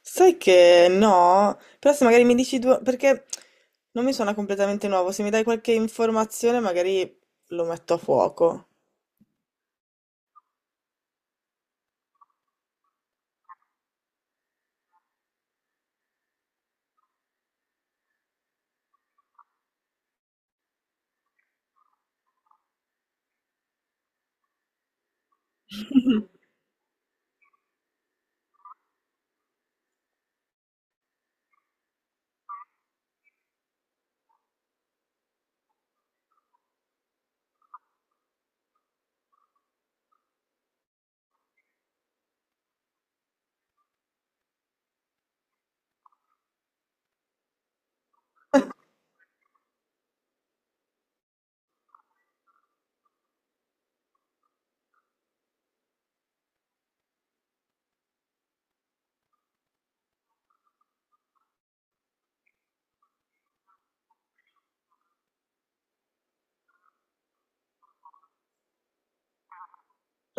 Sai che no, però se magari mi dici due, perché non mi suona completamente nuovo, se mi dai qualche informazione magari lo metto a fuoco.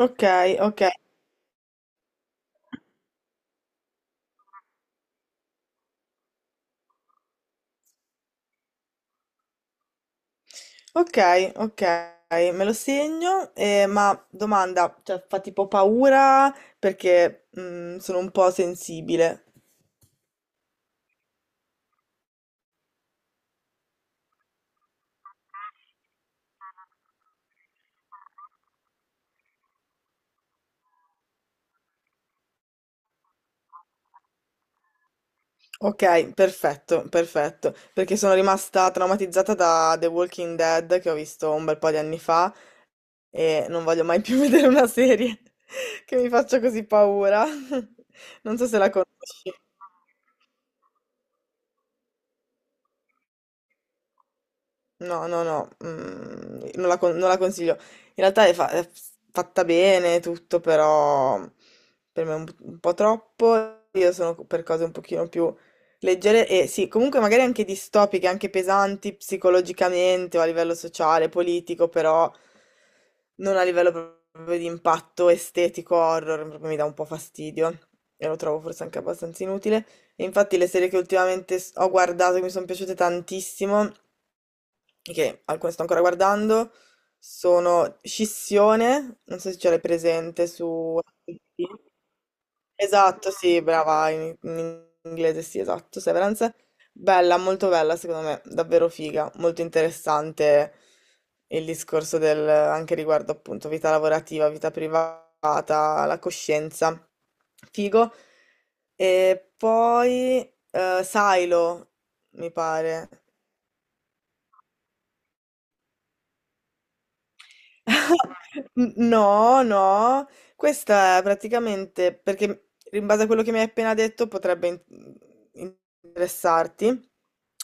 Ok, ok, ok, ok, me lo segno, ma domanda, cioè fa tipo paura perché sono un po' sensibile. Ok, perfetto, perfetto, perché sono rimasta traumatizzata da The Walking Dead che ho visto un bel po' di anni fa. E non voglio mai più vedere una serie che mi faccia così paura. Non so se la conosci. No, no, no, non la, non la consiglio. In realtà è, è fatta bene tutto, però per me è un po' troppo. Io sono per cose un pochino più leggere e sì, comunque magari anche distopiche, anche pesanti psicologicamente o a livello sociale, politico, però non a livello proprio di impatto estetico, horror, proprio mi dà un po' fastidio e lo trovo forse anche abbastanza inutile. E infatti le serie che ultimamente ho guardato e mi sono piaciute tantissimo che alcune sto ancora guardando, sono Scissione, non so se ce l'hai presente su... Esatto, sì, brava, in inglese sì, esatto, Severance. Bella, molto bella, secondo me, davvero figa, molto interessante il discorso del, anche riguardo appunto vita lavorativa, vita privata, la coscienza. Figo. E poi Silo, mi pare. No, no, questa è praticamente perché in base a quello che mi hai appena detto potrebbe in- interessarti.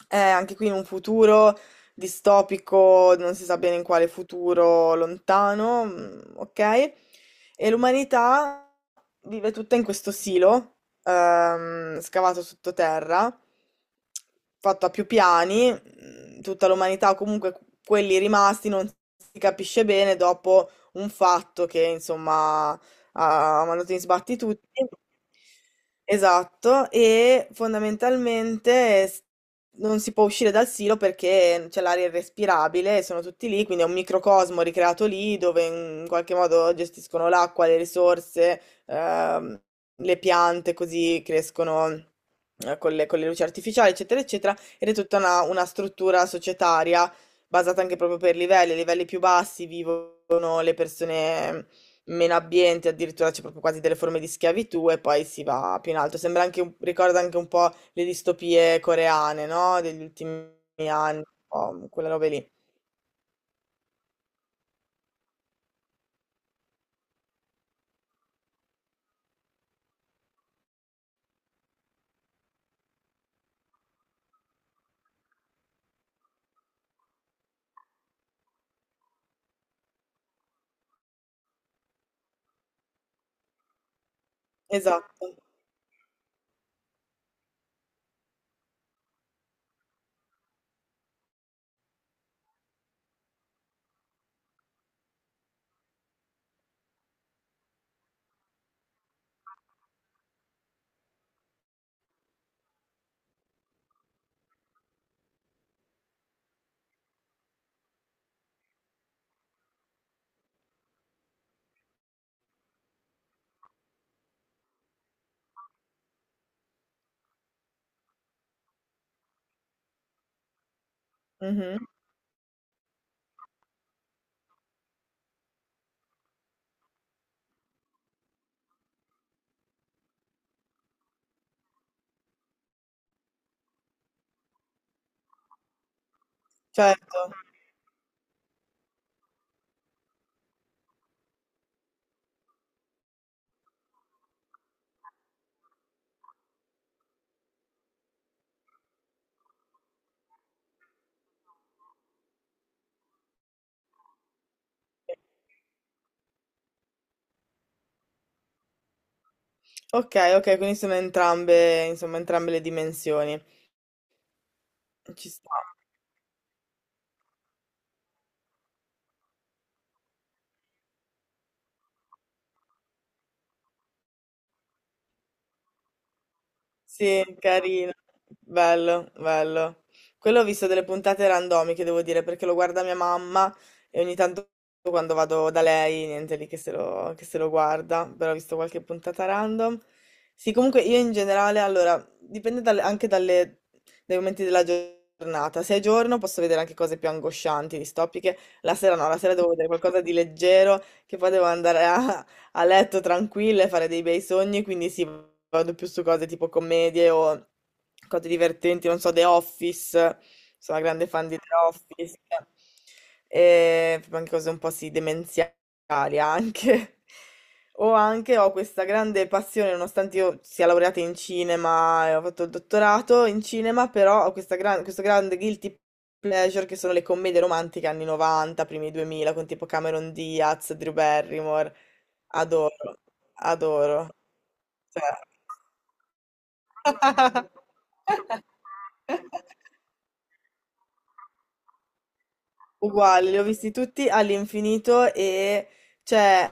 È anche qui in un futuro distopico, non si sa bene in quale futuro lontano, mm, ok? E l'umanità vive tutta in questo silo scavato sottoterra, fatto a più piani, tutta l'umanità, o comunque quelli rimasti, non si capisce bene dopo un fatto che insomma ha mandato in sbatti tutti. Esatto, e fondamentalmente non si può uscire dal silo perché c'è l'aria irrespirabile, sono tutti lì, quindi è un microcosmo ricreato lì dove in qualche modo gestiscono l'acqua, le risorse, ehm, le piante così crescono con le luci artificiali, eccetera, eccetera, ed è tutta una struttura societaria basata anche proprio per livelli, a livelli più bassi vivono le persone meno abbienti, addirittura c'è proprio quasi delle forme di schiavitù e poi si va più in alto. Sembra anche ricorda anche un po' le distopie coreane, no? Degli ultimi anni, un po' quella roba lì. Esatto. Mhm. Certo. Ok, ok, quindi sono entrambe, insomma, entrambe le dimensioni. Ci sta. Sì, carino. Bello, bello. Quello ho visto delle puntate randomiche, devo dire, perché lo guarda mia mamma e ogni tanto quando vado da lei, niente lì che se lo guarda, però ho visto qualche puntata random. Sì, comunque io in generale, allora, dipende anche dai momenti della giornata. Se è giorno posso vedere anche cose più angoscianti, distopiche. La sera no, la sera devo vedere qualcosa di leggero che poi devo andare a letto tranquilla e fare dei bei sogni, quindi sì, vado più su cose tipo commedie o cose divertenti, non so, The Office, sono una grande fan di The Office, e anche cose un po' sì, demenziali anche. O anche ho questa grande passione, nonostante io sia laureata in cinema e ho fatto il dottorato in cinema, però ho questa questo grande guilty pleasure che sono le commedie romantiche anni 90, primi 2000, con tipo Cameron Diaz, Drew Barrymore. Adoro, adoro. Cioè. Uguali, li ho visti tutti all'infinito e, cioè,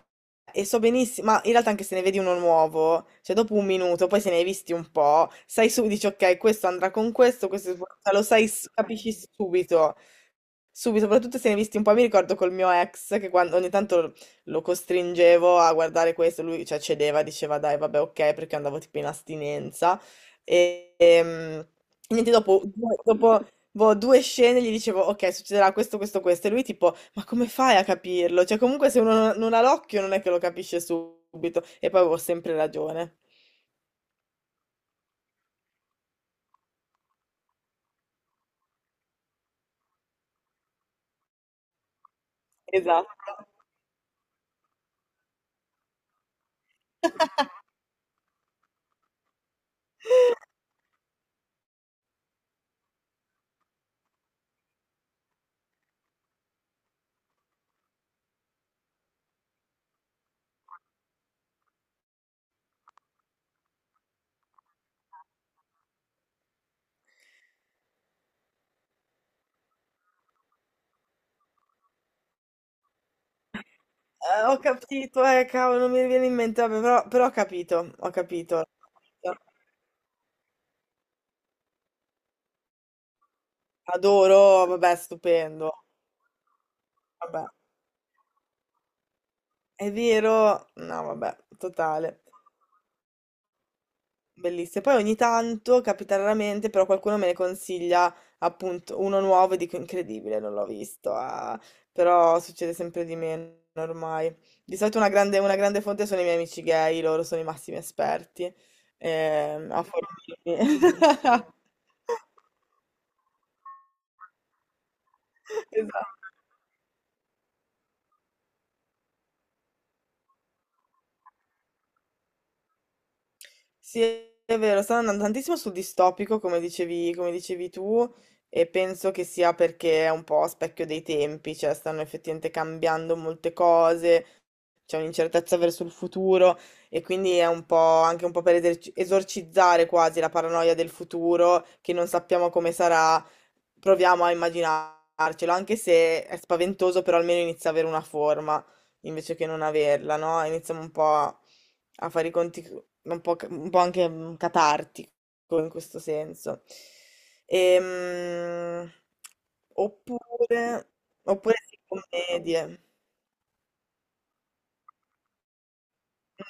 e so benissimo, ma in realtà anche se ne vedi uno nuovo, cioè dopo un minuto, poi se ne hai visti un po', sai su, dici ok, questo andrà con questo, questo, cioè, lo sai, capisci subito, subito, soprattutto se ne hai visti un po', mi ricordo col mio ex che quando ogni tanto lo costringevo a guardare questo, lui, cioè, cedeva, diceva dai, vabbè, ok, perché andavo tipo in astinenza e... Niente, dopo, dopo boh, due scene gli dicevo, ok, succederà questo, questo, questo, e lui tipo, ma come fai a capirlo? Cioè, comunque se uno non ha l'occhio non è che lo capisce subito, e poi avevo sempre ragione. Esatto. Ho capito, cavolo, non mi viene in mente, vabbè, però, però ho capito, ho capito. Adoro, vabbè, stupendo, vabbè. È vero? No, vabbè, totale. Bellissime. Poi ogni tanto capita raramente, però qualcuno me ne consiglia appunto uno nuovo e dico incredibile, non l'ho visto. Ah". Però succede sempre di meno ormai. Di solito una grande fonte sono i miei amici gay, loro sono i massimi esperti a fornirmi. Esatto. Sì, è vero, stanno andando tantissimo sul distopico, come dicevi tu, e penso che sia perché è un po' a specchio dei tempi, cioè stanno effettivamente cambiando molte cose, c'è un'incertezza verso il futuro e quindi è un po' anche un po' per esorcizzare quasi la paranoia del futuro, che non sappiamo come sarà, proviamo a immaginarcelo, anche se è spaventoso, però almeno inizia ad avere una forma invece che non averla, no? Iniziamo un po' a fare i conti un po', un po' anche catartico in questo senso. Ehm, oppure, oppure sì, commedie.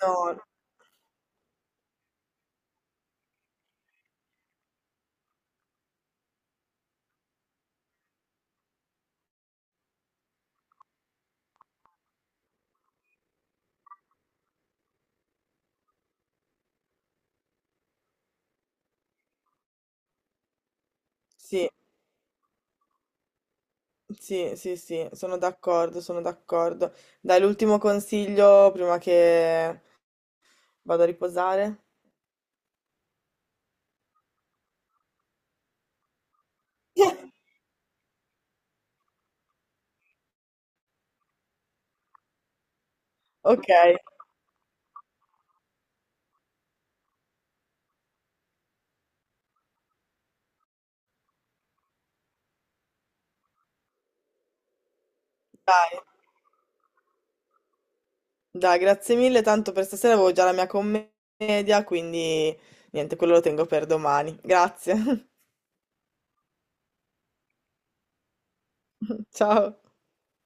No, sì, sì, sì, sì, sono d'accordo, sono d'accordo. Dai, l'ultimo consiglio prima che vado a riposare. Ok, dai, dai, grazie mille, tanto per stasera avevo già la mia commedia, quindi niente, quello lo tengo per domani. Grazie. Ciao.